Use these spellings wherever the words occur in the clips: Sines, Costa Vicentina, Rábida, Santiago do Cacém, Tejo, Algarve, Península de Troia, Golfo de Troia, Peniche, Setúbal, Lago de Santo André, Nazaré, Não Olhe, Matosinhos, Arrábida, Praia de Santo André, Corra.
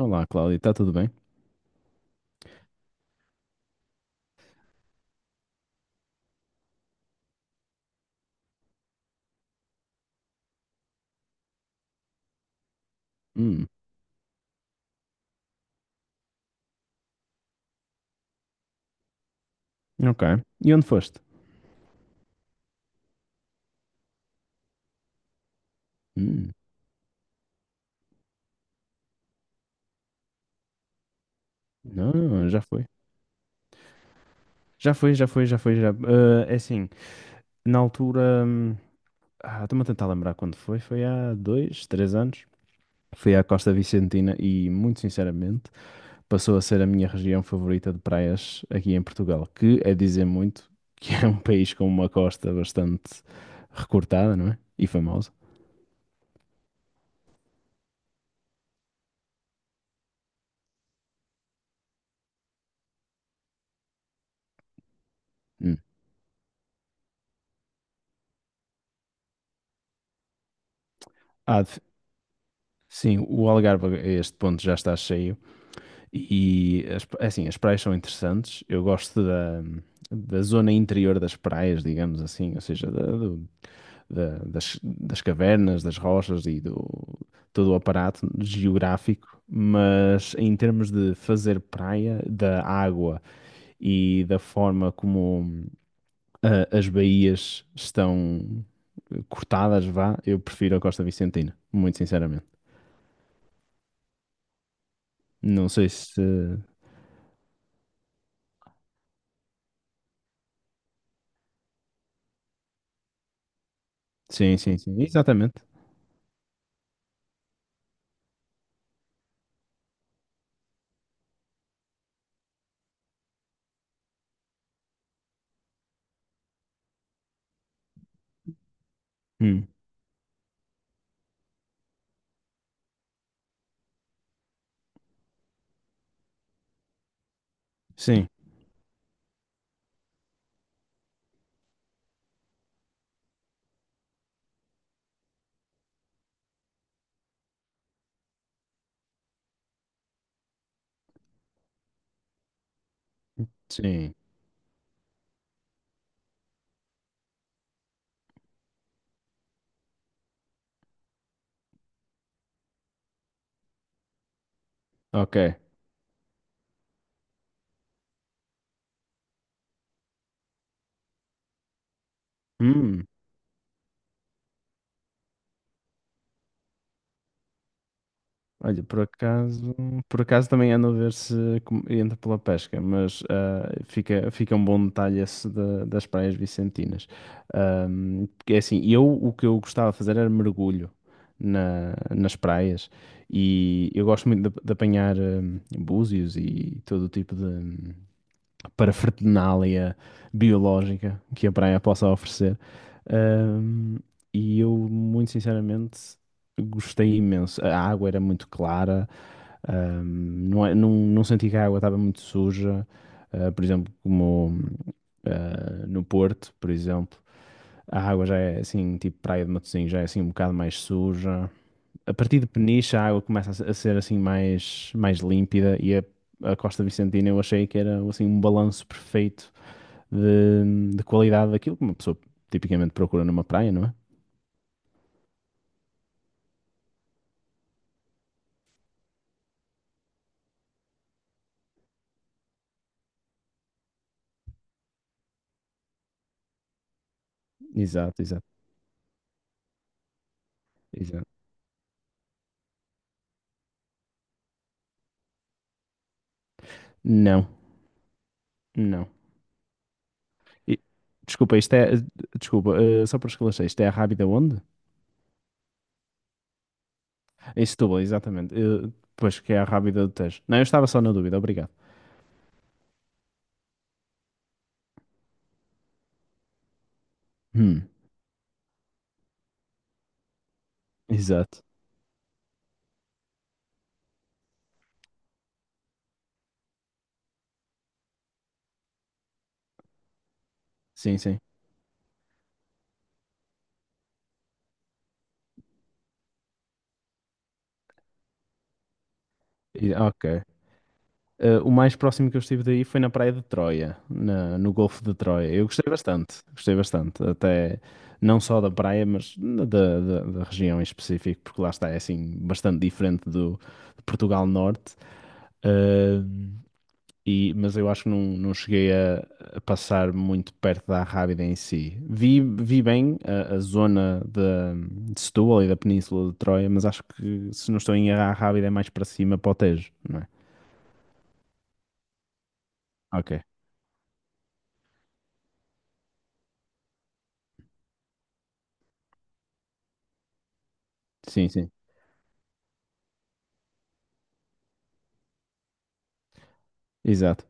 Olá, Cláudia, está tudo bem? Hum. Ok. E onde foste? Hum, não, já foi. Já foi, já foi, já foi, já. Ah, é assim, na altura. Ah, estou-me a tentar lembrar quando foi. Foi há dois, três anos. Fui à Costa Vicentina e, muito sinceramente, passou a ser a minha região favorita de praias aqui em Portugal, que é dizer muito que é um país com uma costa bastante recortada, não é? E famosa. Hum. Ah, sim, o Algarve a este ponto já está cheio. E as, é assim, as praias são interessantes. Eu gosto da, da zona interior das praias, digamos assim, ou seja, das cavernas, das rochas e do todo o aparato geográfico. Mas em termos de fazer praia, da água e da forma como as baías estão cortadas, vá, eu prefiro a Costa Vicentina, muito sinceramente. Não sei se. Sim, sim, sim, exatamente. Hum, sim. Sim, ok. Hum, Olha, por acaso também ando a ver se entra pela pesca, mas fica, fica um bom detalhe esse das praias vicentinas. Porque é assim, eu o que eu gostava de fazer era mergulho nas praias e eu gosto muito de apanhar búzios e todo o tipo de, para fertinália biológica que a praia possa oferecer. Ahm, e eu, muito sinceramente, gostei imenso. A água era muito clara, ahm, não, não, não senti que a água estava muito suja, por exemplo, como no Porto, por exemplo. A água já é assim, tipo praia de Matosinhos, já é assim um bocado mais suja. A partir de Peniche a água começa a a ser assim mais, mais límpida e a Costa Vicentina eu achei que era assim um balanço perfeito de qualidade daquilo que uma pessoa tipicamente procura numa praia, não é? Exato, exato, exato. Não, não. E- Desculpa, isto é. Desculpa, só para esclarecer, isto é a Rábida onde? Em Setúbal, exatamente. Pois que é a Rábida do Tejo. Não, eu estava só na dúvida, obrigado. Hum, exato. Sim, sim. Ok. O mais próximo que eu estive daí foi na Praia de Troia, no Golfo de Troia. Eu gostei bastante, gostei bastante. Até não só da praia, mas da, da região em específico, porque lá está, é assim, bastante diferente do de Portugal Norte. Eh, mas eu acho que não, não cheguei a passar muito perto da Arrábida em si. Vi, vi bem a zona de, Setúbal e da Península de Troia, mas acho que, se não estou em erro, a Arrábida é mais para cima, para o Tejo, não é? Ok. Sim, sim. Exato.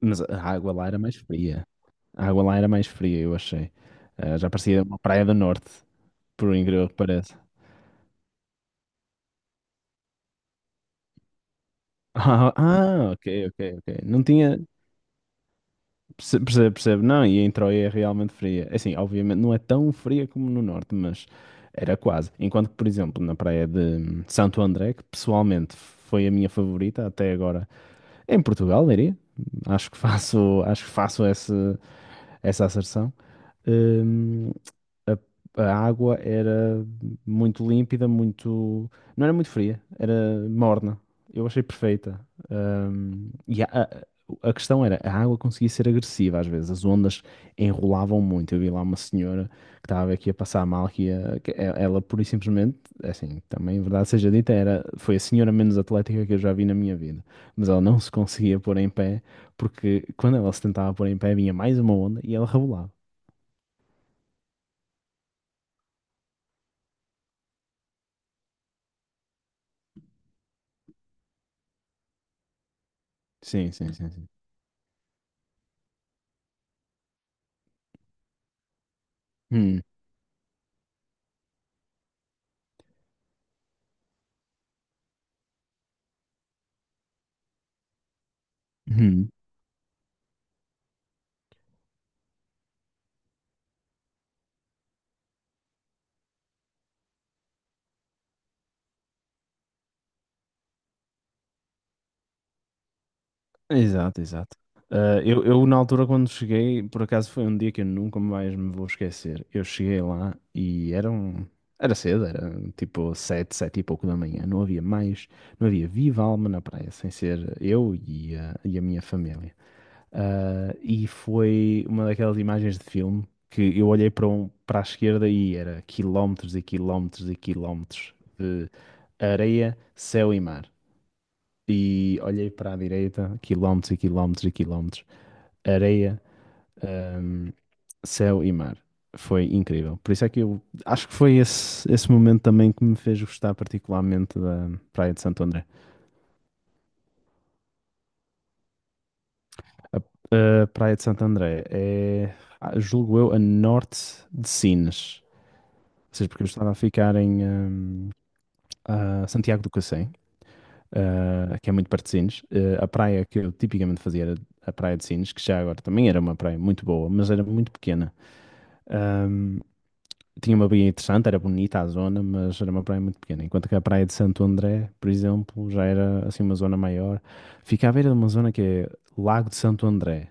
Mas a água lá era mais fria. A água lá era mais fria, eu achei. Ah, já parecia uma praia do norte, por um incrível que pareça. Ah, ah, ok, ok, ok. Não tinha. Percebo, percebo. Não, e em Troia é realmente fria. É assim, obviamente não é tão fria como no norte, mas era quase. Enquanto que, por exemplo, na praia de Santo André, que pessoalmente foi a minha favorita até agora em Portugal, diria. Acho que faço essa, essa asserção. Hum, a, a água era muito límpida, muito. Não era muito fria, era morna. Eu achei perfeita. E a, a questão era, a água conseguia ser agressiva às vezes, as ondas enrolavam muito. Eu vi lá uma senhora que estava aqui a passar mal, que, ia, que ela pura e simplesmente, é assim, também, é verdade seja dita, era, foi a senhora menos atlética que eu já vi na minha vida. Mas ela não se conseguia pôr em pé, porque quando ela se tentava pôr em pé, vinha mais uma onda e ela rebolava. Sim, sim, sim, sim. Uhum. Exato, exato. Ah, na altura, quando cheguei, por acaso foi um dia que eu nunca mais me vou esquecer. Eu cheguei lá e era cedo, era tipo sete, sete e pouco da manhã. Não havia mais, não havia viva alma na praia, sem ser eu e a minha família. Ah, e foi uma daquelas imagens de filme que eu olhei para, um, para a esquerda e era quilómetros e quilómetros e quilómetros de areia, céu e mar. E olhei para a direita, quilómetros e quilómetros e quilómetros, areia, ahm, céu e mar. Foi incrível. Por isso é que eu acho que foi esse, esse momento também que me fez gostar particularmente da Praia de Santo André. A Praia de Santo André é, julgo eu, a norte de Sines. Ou seja, porque eu estava a ficar em a Santiago do Cacém. Que é muito perto de Sines. A praia que eu tipicamente fazia era a praia de Sines, que já agora também era uma praia muito boa, mas era muito pequena. Ahm, Tinha uma baía interessante, era bonita a zona, mas era uma praia muito pequena. Enquanto que a praia de Santo André, por exemplo, já era assim uma zona maior. Fica à beira de uma zona que é Lago de Santo André,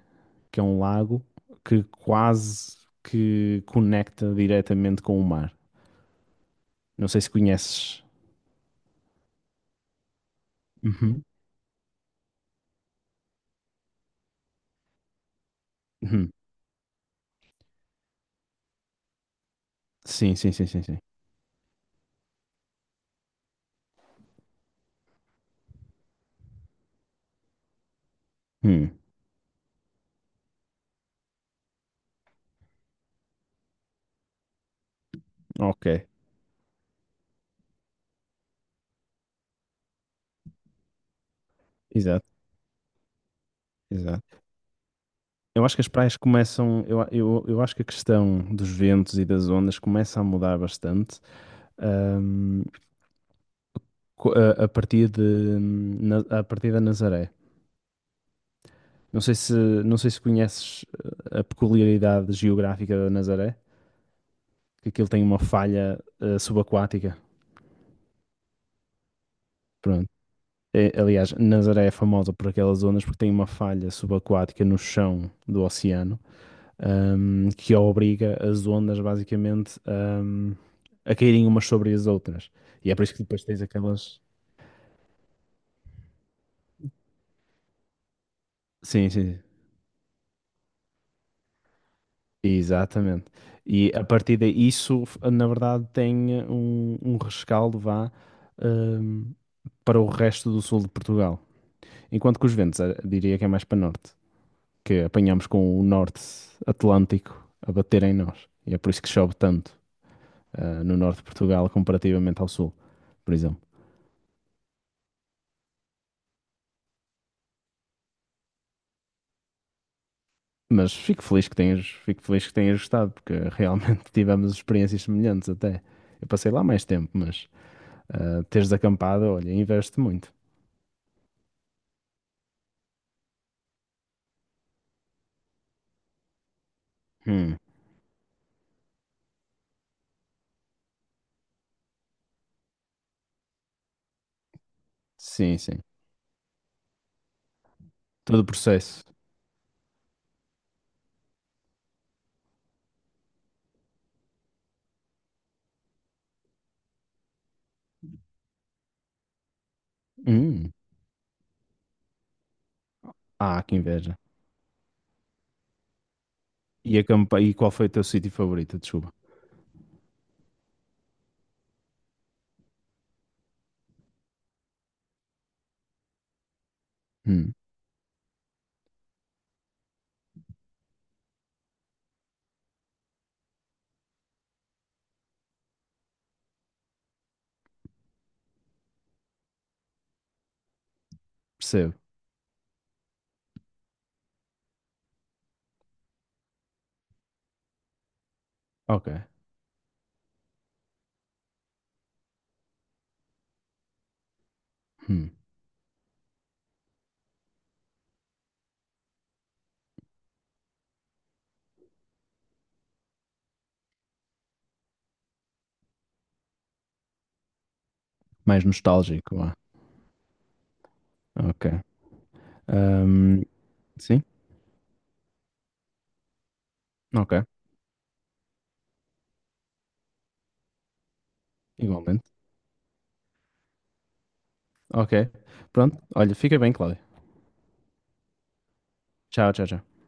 que é um lago que quase que conecta diretamente com o mar. Não sei se conheces. Uhum. Uhum. Sim, sim, sim, sim, sim. Hum, ok, exato, exato. Eu acho que as praias começam, eu acho que a questão dos ventos e das ondas começa a mudar bastante, ahm, a partir de, a partir da Nazaré. Não sei se conheces a peculiaridade geográfica da Nazaré, que aquilo tem uma falha, subaquática. Pronto. Aliás, Nazaré é famosa por aquelas ondas porque tem uma falha subaquática no chão do oceano, que obriga as ondas basicamente a caírem umas sobre as outras. E é por isso que depois tens aquelas. Sim, sim, exatamente. E a partir daí, na verdade tem um, um rescaldo vá, ahm, para o resto do sul de Portugal. Enquanto que os ventos, diria que é mais para norte, que apanhamos com o norte atlântico a bater em nós. E é por isso que chove tanto no norte de Portugal comparativamente ao sul, por exemplo. Mas fico feliz que tenhas, fico feliz que tenhas gostado, porque realmente tivemos experiências semelhantes até. Eu passei lá mais tempo, mas teres acampado, olha, investe muito. Hum, sim, sim. Todo o processo. Hum, ah, que inveja. E, acampa e qual foi o teu sítio favorito? Desculpa. Hum, percebo. Ok. Hum, Mais nostálgico lá. Ok. Ahm, sim, ok. Igualmente. Ok. Pronto. Olha, fica bem, Cláudio. Tchau, tchau, tchau.